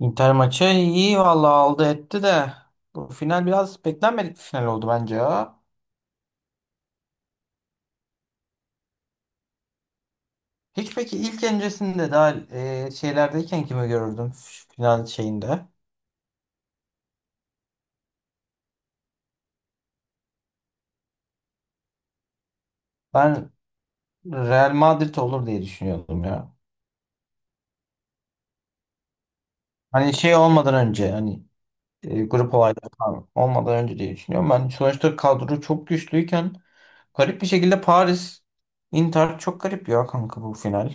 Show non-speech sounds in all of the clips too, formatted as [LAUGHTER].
Inter maçı iyi vallahi aldı etti de bu final biraz beklenmedik bir final oldu bence ya. Hiç peki ilk öncesinde daha şeylerdeyken kimi görürdüm final şeyinde? Ben Real Madrid olur diye düşünüyordum ya. Hani şey olmadan önce hani grup olayları falan olmadan önce diye düşünüyorum. Ben sonuçta kadro çok güçlüyken garip bir şekilde Paris Inter çok garip ya kanka bu final.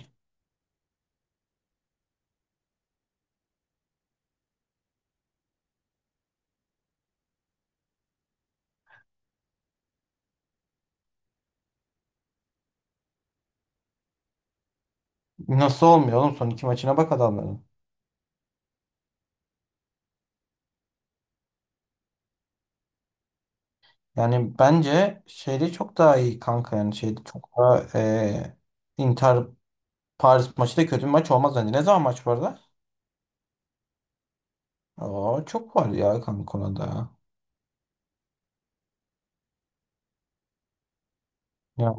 Nasıl olmuyor oğlum son iki maçına bak adamların. Yani bence şeyde çok daha iyi kanka yani şeyde çok daha Inter Paris maçı da kötü bir maç olmaz bence. Ne zaman maç var da? Oo, çok var ya kanka konuda ya. Ya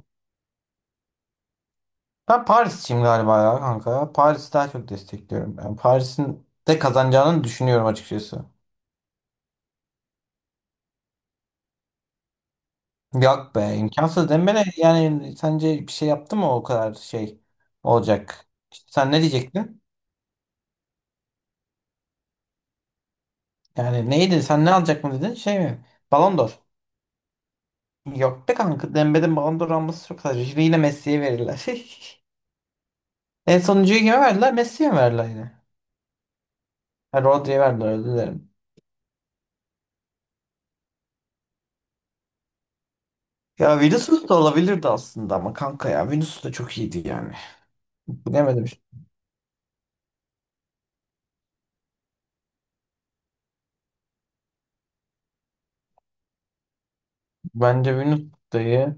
ben Paris'ciyim galiba ya kanka. Paris'i daha çok destekliyorum. Yani Paris'in de kazanacağını düşünüyorum açıkçası. Yok be, imkansız Dembele, yani sence bir şey yaptı mı o kadar şey olacak? İşte sen ne diyecektin? Yani neydi, sen ne alacak mı dedin, şey mi? Ballon d'Or. Yok be kanka. Dembe'nin Ballon d'Or alması çok saçma. Şimdi yine Messi'ye verirler. [LAUGHS] En sonuncuyu kime verdiler? Messi'ye mi verdiler yine. Ha, Rodri'ye verdiler, özür dilerim. Ya Vinicius da olabilirdi aslında ama kanka ya Vinicius da çok iyiydi yani. Bilemedim işte. Bence Vinicius da iyi.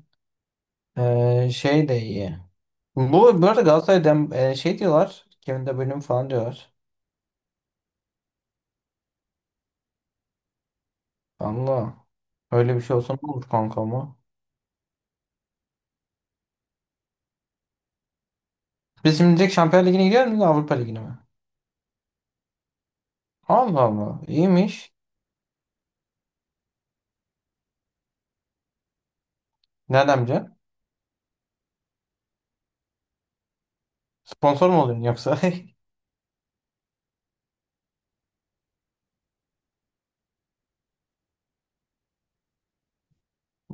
Şey de iyi. Bu arada Galatasaray'dan şey diyorlar. Kevin De Bruyne falan diyorlar. Allah. Öyle bir şey olsa ne olur kanka ama. Biz şimdi direkt Şampiyonlar Ligi'ne gidiyor muyuz, Avrupa Ligi'ne mi? Allah Allah. İyiymiş. Nereden bileceksin? Sponsor mu oluyorsun yoksa? [LAUGHS]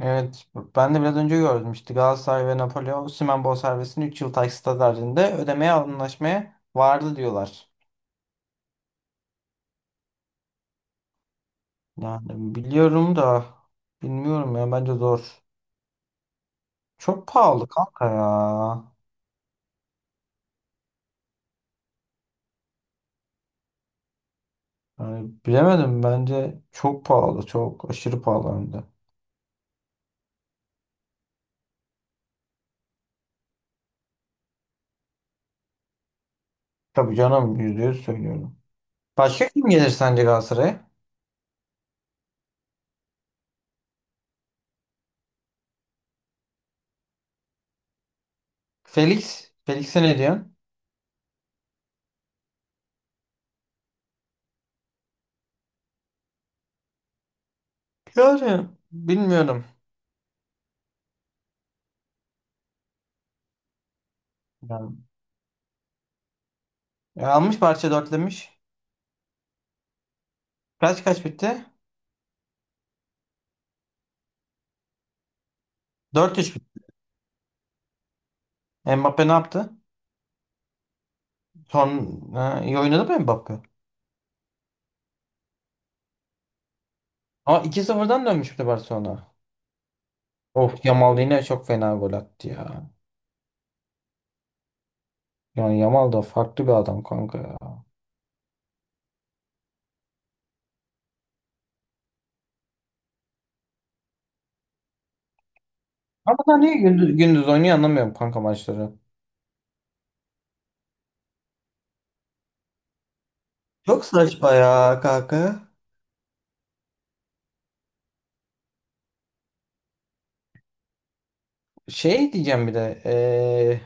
Evet, ben de biraz önce gördüm işte Galatasaray ve Napoli Osimhen bonservisini 3 yıl taksitler halinde ödemeye anlaşmaya vardı diyorlar. Yani biliyorum da bilmiyorum ya, bence zor. Çok pahalı kanka ya. Yani bilemedim, bence çok pahalı, çok aşırı pahalı hem de. Tabii canım, %100 söylüyorum. Başka kim gelir sence Galatasaray'a? Felix. Felix'e ne diyorsun? Yani bilmiyorum. Yani, almış parça dörtlemiş. Kaç kaç bitti? Dört üç bitti. Mbappe ne yaptı? Son ha, iyi oynadı mı Mbappe? Ama iki sıfırdan dönmüş, 0'dan dönmüştü Barcelona. Of, Yamal yine çok fena gol attı ya. Yani Yamal da farklı bir adam kanka ya. Ama da niye gündüz oynuyor anlamıyorum kanka maçları. Çok saçma ya kanka. Şey diyeceğim bir de.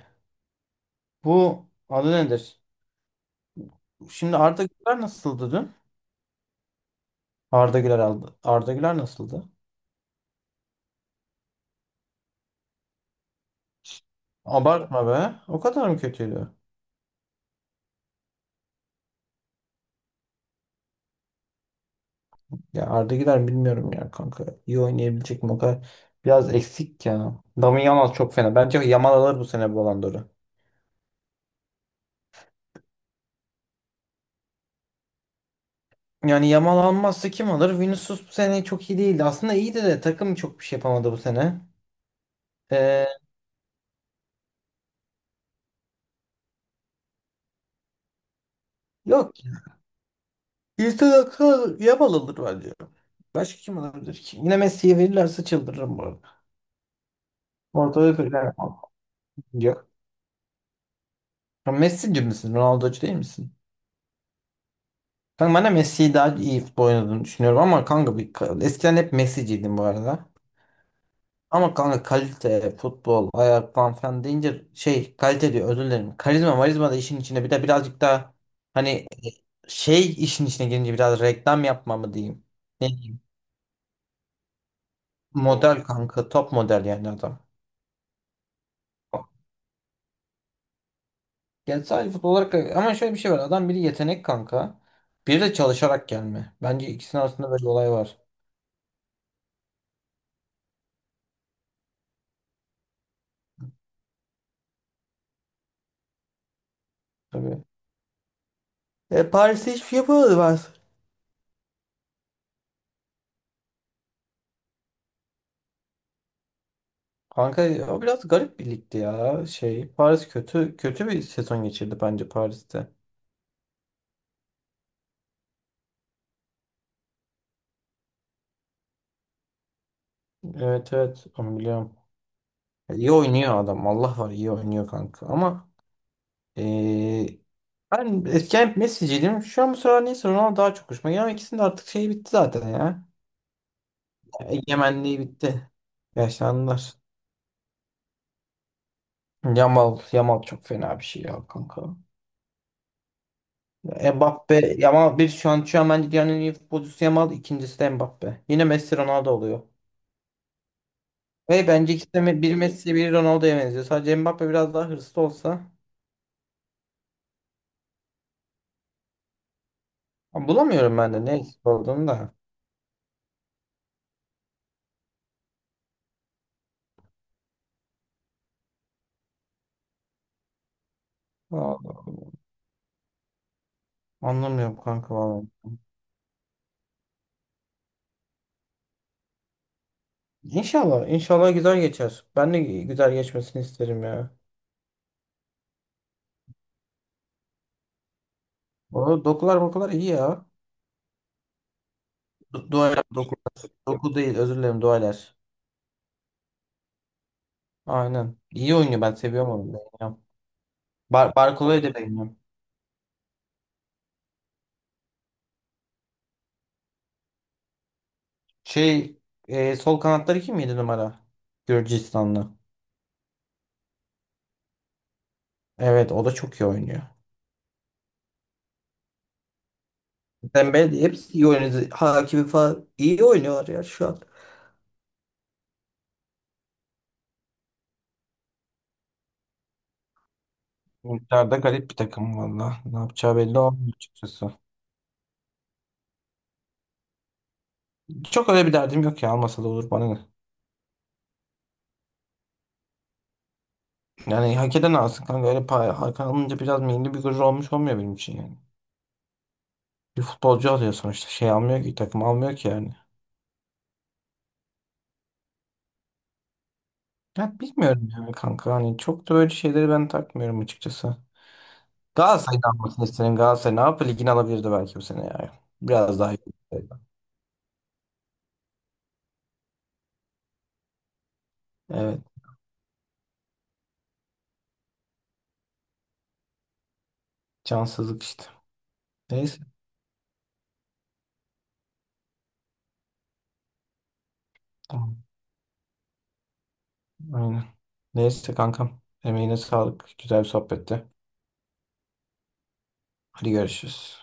Bu adı nedir? Şimdi Arda Güler nasıldı dün? Arda Güler aldı. Arda Güler nasıldı? Abartma be. O kadar mı kötüydü? Ya Arda Güler bilmiyorum ya kanka. İyi oynayabilecek mi o kadar? Biraz eksik ya. Dami Yamal çok fena. Bence Yamal alır bu sene bu Ballon d'Or'u. Yani Yamal almazsa kim alır? Vinicius bu sene çok iyi değildi. Aslında iyiydi de takım çok bir şey yapamadı bu sene. Ee, yok ya. İnsan aklı Yamal alır bence. Başka kim alabilir ki? Yine Messi'ye verirlerse çıldırırım bu arada. Ortada verirler. Yok. Ya Messi'ci misin? Ronaldo'cu değil misin? Kanka ben de Messi'yi daha iyi futbol oynadığını düşünüyorum ama kanka eskiden hep Messi'ciydim bu arada. Ama kanka kalite, futbol, ayak falan falan deyince şey kalite diyor, özür dilerim. Karizma marizma da işin içine bir de birazcık daha hani şey işin içine girince biraz reklam yapma mı diyeyim. Ne, model kanka, top model yani adam. Yani sadece futbol olarak ama şöyle bir şey var, adam biri yetenek kanka. Biri de çalışarak gelme. Bence ikisinin arasında böyle bir olay var. Tabii. E, Paris'te hiçbir şey yapamadı Paris. Kanka o biraz garip bir ligdi ya. Şey Paris kötü kötü bir sezon geçirdi bence Paris'te. Evet, evet onu biliyorum. İyi oynuyor adam. Allah var iyi oynuyor kanka. Ama eee ben eskiden hep Messi'ciydim. Şu an bu sıralar neyse Ronaldo daha çok hoşuma gidiyor. Ama ikisinin de artık şeyi bitti zaten ya. Egemenliği bitti. Yaşlandılar. Yamal çok fena bir şey ya kanka. Mbappe, Yamal bir şu an bence dünyanın en iyi futbolcusu Yamal, ikincisi de Mbappe. Yine Messi Ronaldo oluyor. Ve bence ikisi de bir Messi bir Ronaldo'ya benziyor. Sadece Mbappe biraz daha hırslı olsa. Ama bulamıyorum ben de ne eksik olduğunu da. Vallahi anlamıyorum kanka vallahi. İnşallah, inşallah güzel geçer. Ben de güzel geçmesini isterim ya. O dokular bokular iyi ya. Duayla doku, doku değil, özür dilerim, duaylar. Aynen. İyi oynuyor, ben seviyorum onu. Beğeniyorum. Barkola'yı da beğeniyorum. Şey, sol kanatları kim, 7 numara? Gürcistanlı. Evet, o da çok iyi oynuyor. Dembele, hepsi iyi oynuyor. Hakimi falan iyi oynuyorlar ya şu an. Miktarda garip bir takım valla. Ne yapacağı belli olmuyor açıkçası. Çok öyle bir derdim yok ya, almasa da olur, bana ne. Yani hak eden alsın kanka, öyle pay, hak alınca biraz milli bir gurur olmuş olmuyor benim için yani. Bir futbolcu alıyor sonuçta, şey almıyor ki, takım almıyor ki yani. Ya bilmiyorum yani kanka, hani çok da böyle şeyleri ben takmıyorum açıkçası. Galatasaray'ın almasını isterim, Galatasaray ne yapıyor, ligini alabilirdi belki bu sene ya. Biraz daha iyi olsaydı. Evet, cansızlık işte. Neyse, tamam, aynen. Neyse kankam, emeğine sağlık, güzel bir sohbetti. Hadi görüşürüz.